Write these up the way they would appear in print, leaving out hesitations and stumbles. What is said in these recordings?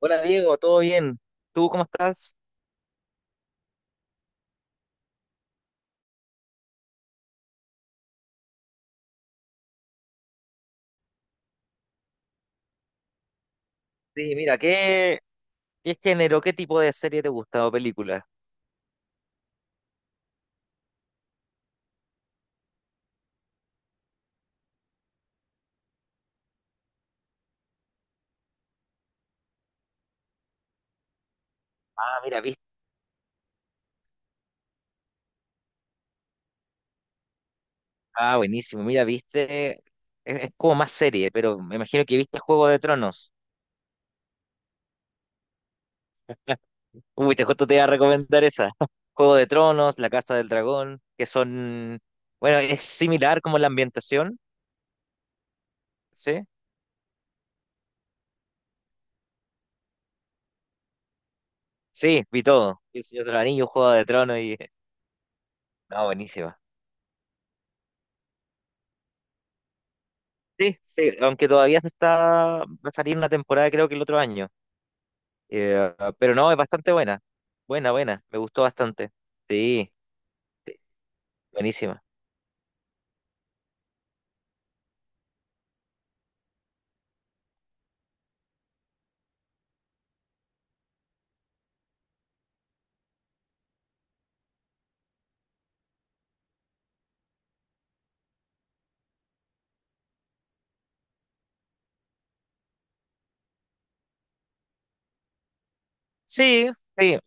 Hola Diego, ¿todo bien? ¿Tú cómo estás? Sí, mira, ¿qué género, qué tipo de serie te gusta o película? Ah, mira, viste. Ah, buenísimo. Mira, viste. Es como más serie, pero me imagino que viste Juego de Tronos. Uy, te justo te iba a recomendar esa. Juego de Tronos, La Casa del Dragón, que son. Bueno, es similar como la ambientación, ¿sí? Sí, vi todo. El Señor de los Anillos, Juego de Tronos y. No, buenísima. Sí, sí, aunque todavía se está. Va a salir una temporada, creo que el otro año. Pero no, es bastante buena. Buena, buena. Me gustó bastante. Sí, buenísima. Sí, sí.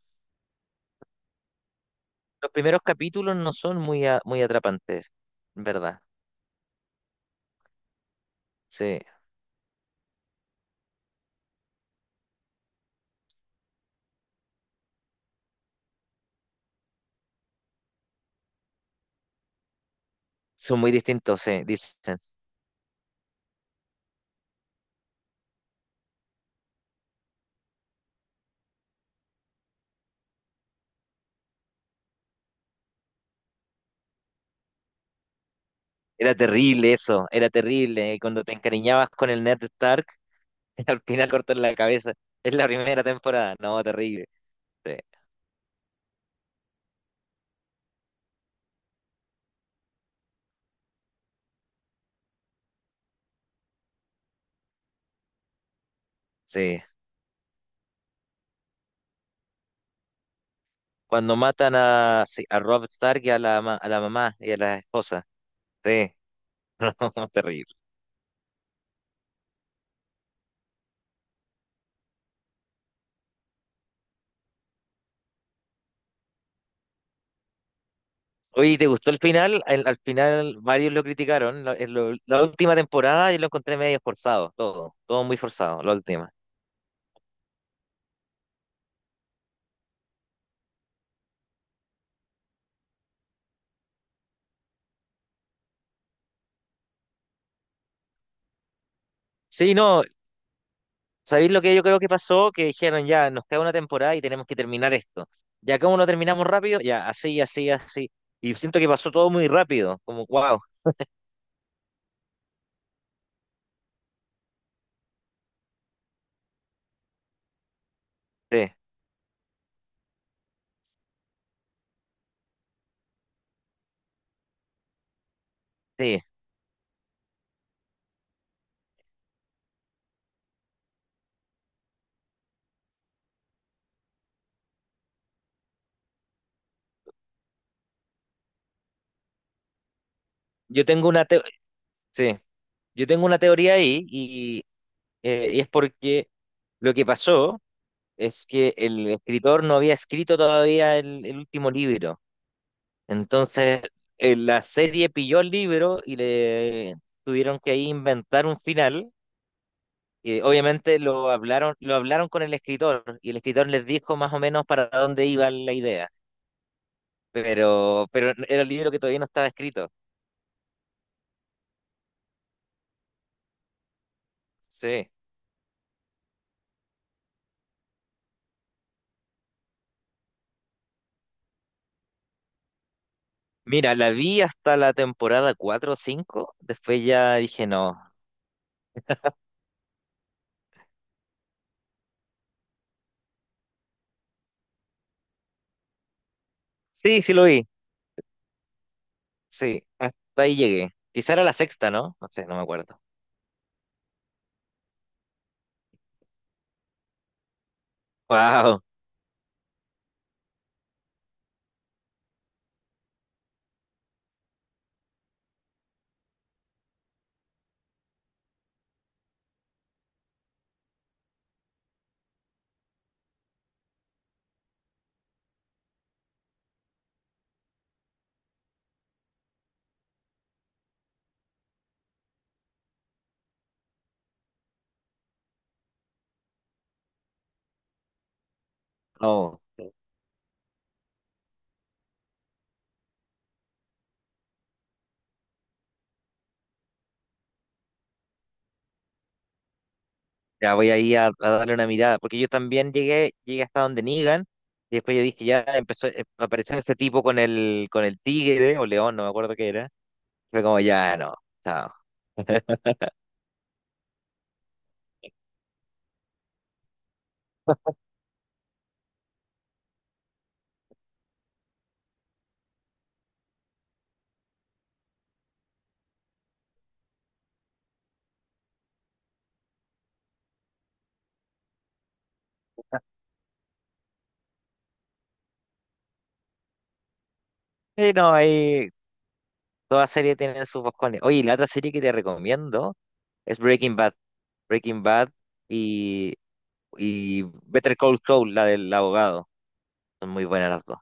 Los primeros capítulos no son muy, muy atrapantes, ¿en verdad? Sí. Son muy distintos, sí, dicen. Era terrible eso, era terrible. Cuando te encariñabas con el Ned Stark, al final cortan la cabeza. Es la primera temporada. No, terrible. Sí, sí. Cuando matan a, sí, a Robb Stark y a la, a la mamá y a la esposa. Sí. No, terrible. Oye, ¿te gustó el final? Al, al final varios lo criticaron. La, la última temporada yo lo encontré medio forzado, todo, todo muy forzado, la última. Sí, no, ¿sabéis lo que yo creo que pasó? Que dijeron, ya, nos queda una temporada y tenemos que terminar esto. Ya, ¿cómo lo terminamos rápido? Ya, así, así, así. Y siento que pasó todo muy rápido, como, wow, sí, sí. Yo tengo una, teo- Sí, yo tengo una teoría ahí y es porque lo que pasó es que el escritor no había escrito todavía el último libro. Entonces, la serie pilló el libro y le tuvieron que ahí inventar un final. Y obviamente lo hablaron con el escritor y el escritor les dijo más o menos para dónde iba la idea. Pero era el libro que todavía no estaba escrito. Sí. Mira, la vi hasta la temporada 4 o cinco. Después ya dije no. Sí, sí lo vi. Sí, hasta ahí llegué. Quizá era la sexta, ¿no? No sé, no me acuerdo. Wow. Ya voy ahí a darle una mirada, porque yo también llegué, llegué hasta donde Negan, y después yo dije, ya empezó, apareció ese tipo con el tigre, o león, no me acuerdo qué era, fue como, ya, no, chao. Sí, no, ahí, toda serie tiene sus boscones. Oye, y la otra serie que te recomiendo es Breaking Bad, Breaking Bad y, y Better Call Saul, la del abogado, son muy buenas las dos.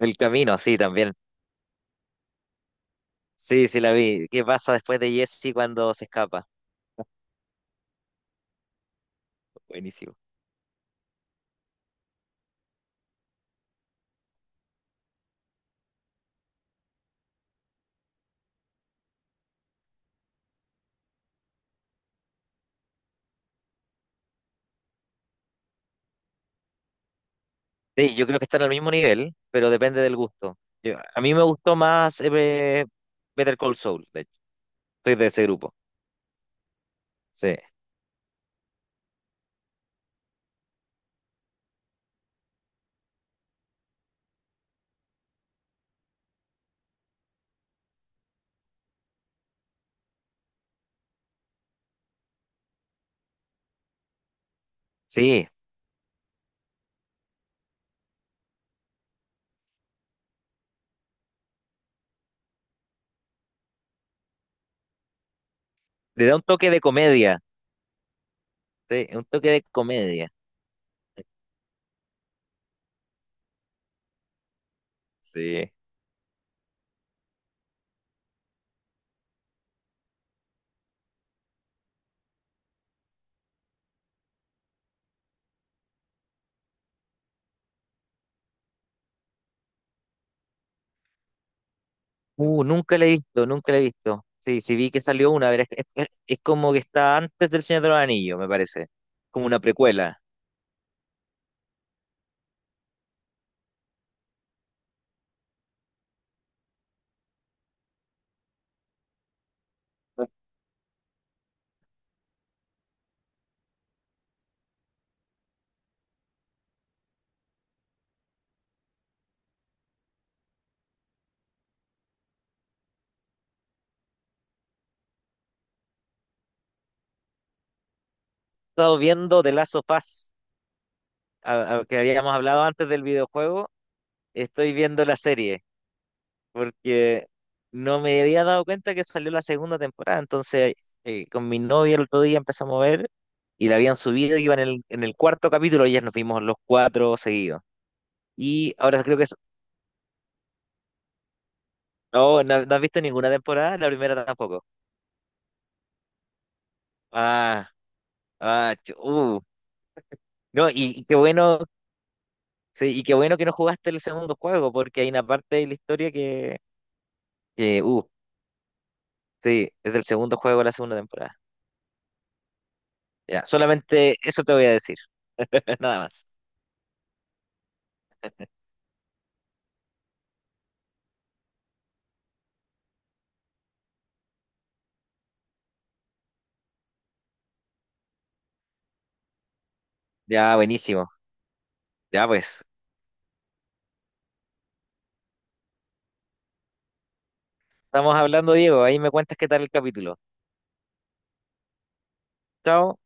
El camino, sí, también, sí, sí la vi, ¿qué pasa después de Jesse cuando se escapa? Buenísimo. Sí, yo creo que están al mismo nivel, pero depende del gusto. A mí me gustó más Better Call Saul, de hecho. Soy de ese grupo. Sí, sí. Le da un toque de comedia. Sí, un toque de comedia. Sí. Nunca la he visto, nunca la he visto. Sí, sí vi que salió una, es como que está antes del Señor de los Anillos, me parece. Como una precuela. He estado viendo The Last of Us, que habíamos hablado antes del videojuego. Estoy viendo la serie. Porque no me había dado cuenta que salió la segunda temporada. Entonces, con mi novia el otro día empezamos a ver y la habían subido, iba en el cuarto capítulo y ya nos vimos los cuatro seguidos. Y ahora creo que... es- No, no, no has visto ninguna temporada, la primera tampoco. Ah, ah, chu- uh. No, y qué bueno, sí, y qué bueno que no jugaste el segundo juego, porque hay una parte de la historia que, que uh, sí, es del segundo juego de la segunda temporada. Ya, solamente eso te voy a decir, nada más. Ya, buenísimo. Ya pues, estamos hablando, Diego. Ahí me cuentas qué tal el capítulo. Chao.